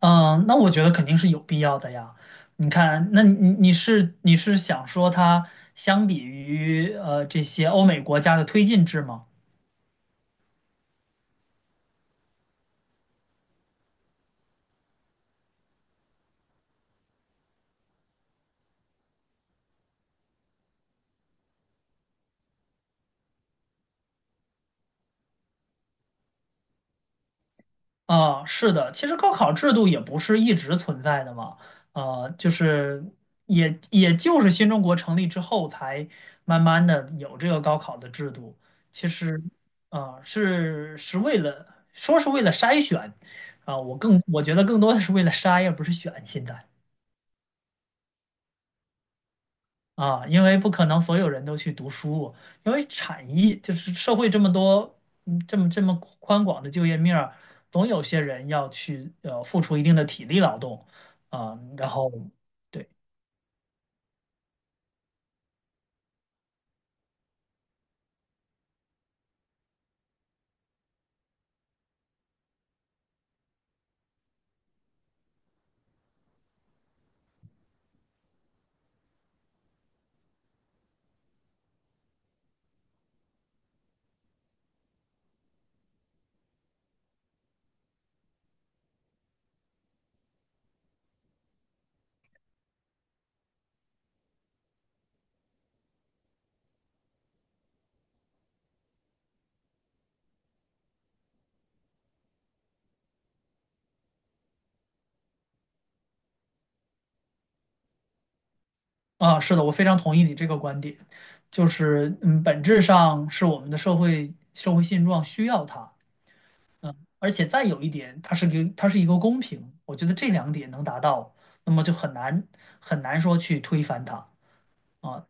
嗯，那我觉得肯定是有必要的呀。你看，那你是想说它相比于这些欧美国家的推进制吗？是的，其实高考制度也不是一直存在的嘛，呃，就是也就是新中国成立之后才慢慢的有这个高考的制度。其实，是为了说是为了筛选，我觉得更多的是为了筛，而不是选现在。啊，因为不可能所有人都去读书，因为产业就是社会这么多，嗯，这么宽广的就业面儿，总有些人要去付出一定的体力劳动啊，然后对啊，是的，我非常同意你这个观点，就是嗯，本质上是我们的社会现状需要它，而且再有一点，它是一个公平，我觉得这两点能达到，那么就很难很难说去推翻它。啊。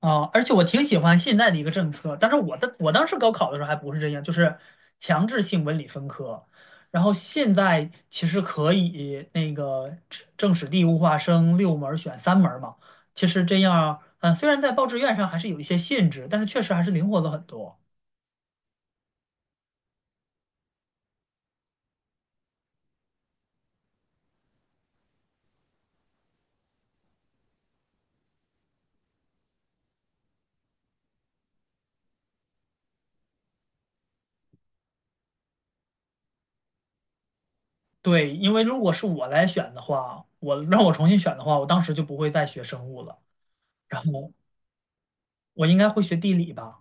啊，而且我挺喜欢现在的一个政策，但是我当时高考的时候还不是这样，就是强制性文理分科，然后现在其实可以那个政史地物化生六门儿选三门儿嘛，其实这样，嗯，虽然在报志愿上还是有一些限制，但是确实还是灵活了很多。对，因为如果是我来选的话，我让我重新选的话，我当时就不会再学生物了，然后我应该会学地理吧。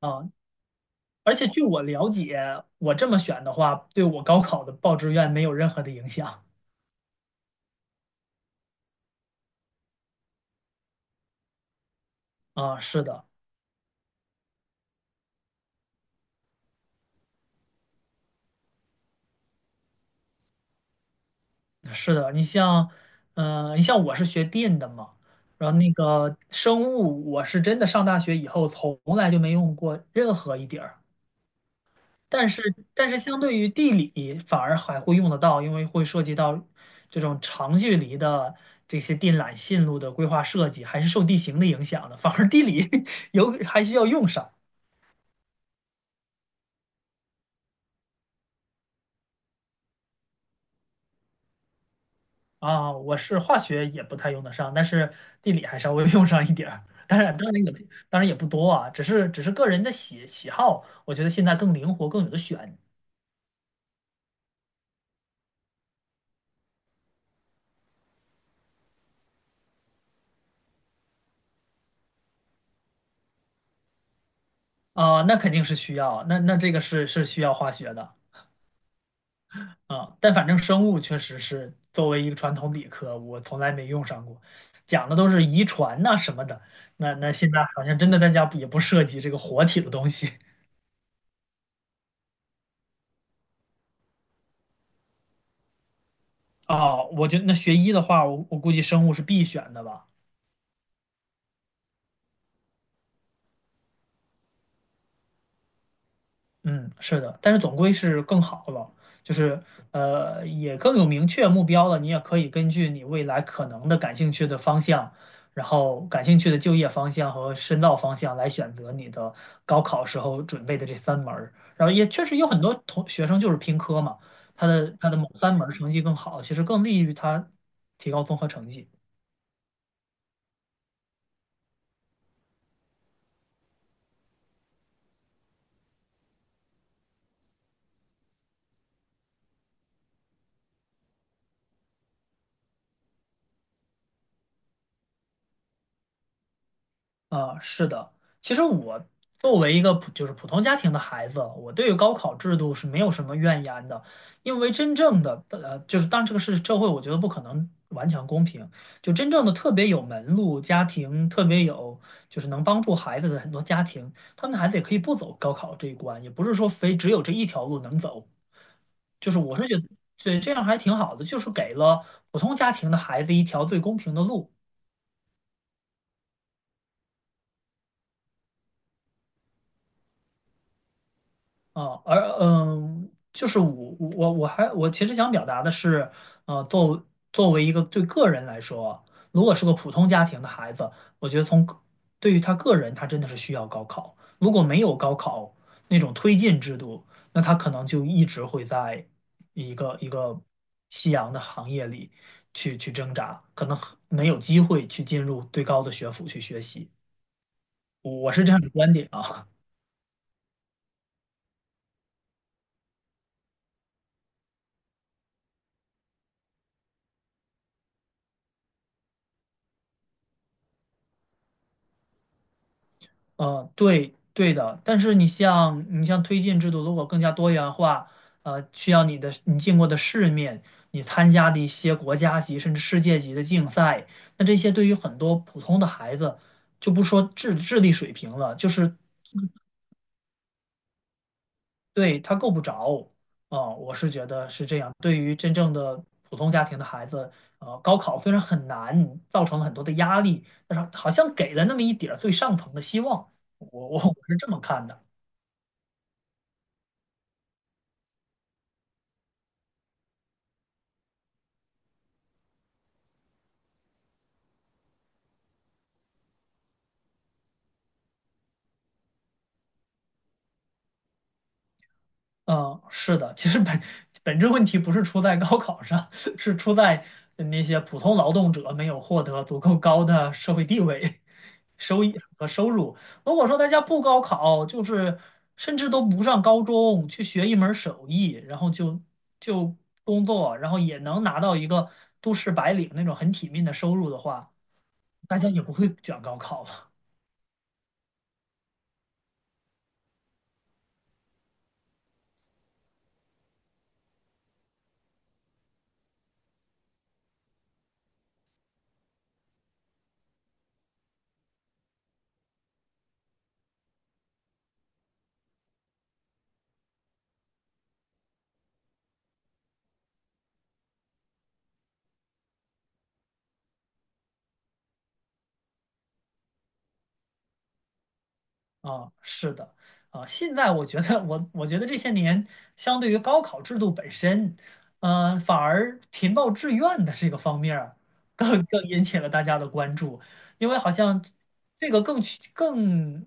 啊，而且据我了解，我这么选的话，对我高考的报志愿没有任何的影响。啊。是的，是的，你像，你像我是学电的嘛，然后那个生物，我是真的上大学以后从来就没用过任何一点儿。但是，但是相对于地理，反而还会用得到，因为会涉及到这种长距离的这些电缆线路的规划设计，还是受地形的影响的。反而地理 有还需要用上。啊，我是化学也不太用得上，但是地理还稍微 用上一点儿。当然，当然也当然也不多啊，只是只是个人的喜好，我觉得现在更灵活，更有的选。啊，那肯定是需要，那这个是需要化学的。啊，但反正生物确实是作为一个传统理科，我从来没用上过，讲的都是遗传呐、什么的，那现在好像真的大家不也不涉及这个活体的东西。啊，我觉得那学医的话，我估计生物是必选的吧。嗯，是的，但是总归是更好了，就是也更有明确目标了。你也可以根据你未来可能的感兴趣的方向，然后感兴趣的就业方向和深造方向来选择你的高考时候准备的这三门儿，然后也确实有很多同学生就是拼科嘛，他的某三门儿成绩更好，其实更利于他提高综合成绩。啊，是的，其实我作为一个普就是普通家庭的孩子，我对于高考制度是没有什么怨言的，因为真正的就是当然这个是社会，我觉得不可能完全公平，就真正的特别有门路家庭，特别有就是能帮助孩子的很多家庭，他们的孩子也可以不走高考这一关，也不是说非只有这一条路能走，就是我是觉得以这样还挺好的，就是给了普通家庭的孩子一条最公平的路。啊，而嗯，就是我其实想表达的是，呃，作作为一个对个人来说，如果是个普通家庭的孩子，我觉得从个对于他个人，他真的是需要高考。如果没有高考那种推进制度，那他可能就一直会在一个夕阳的行业里去挣扎，可能很没有机会去进入最高的学府去学习。我是这样的观点啊。呃，对对的，但是你像推荐制度，如果更加多元化，呃，需要你见过的世面，你参加的一些国家级甚至世界级的竞赛，那这些对于很多普通的孩子，就不说智力水平了，就是对他够不着。啊，我是觉得是这样。对于真正的普通家庭的孩子，呃，高考虽然很难，造成了很多的压力，但是好像给了那么一点儿最上层的希望，我是这么看的。嗯，是的，其实本质问题不是出在高考上，是出在那些普通劳动者没有获得足够高的社会地位、收益和收入。如果说大家不高考，就是甚至都不上高中，去学一门儿手艺，然后就工作，然后也能拿到一个都市白领那种很体面的收入的话，大家也不会卷高考了。啊，是的，啊，现在我觉得我觉得这些年，相对于高考制度本身，呃，反而填报志愿的这个方面儿更引起了大家的关注，因为好像这个更去更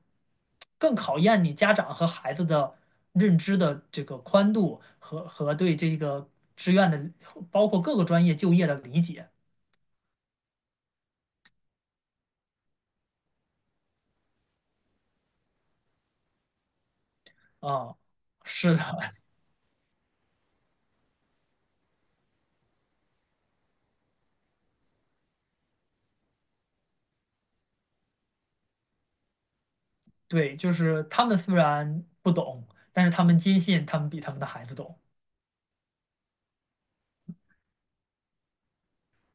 更考验你家长和孩子的认知的这个宽度和对这个志愿的，包括各个专业就业的理解。啊，是的，对，就是他们虽然不懂，但是他们坚信他们比他们的孩子懂。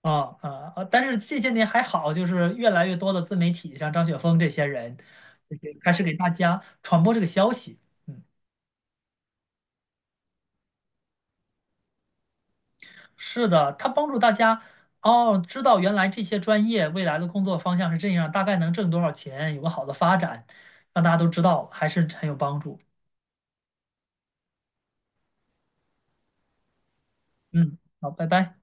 啊啊啊！但是这些年还好，就是越来越多的自媒体，像张雪峰这些人，就是开始给大家传播这个消息。嗯，是的，他帮助大家哦，知道原来这些专业未来的工作方向是这样，大概能挣多少钱，有个好的发展，让大家都知道了还是很有帮助。嗯，好，拜拜。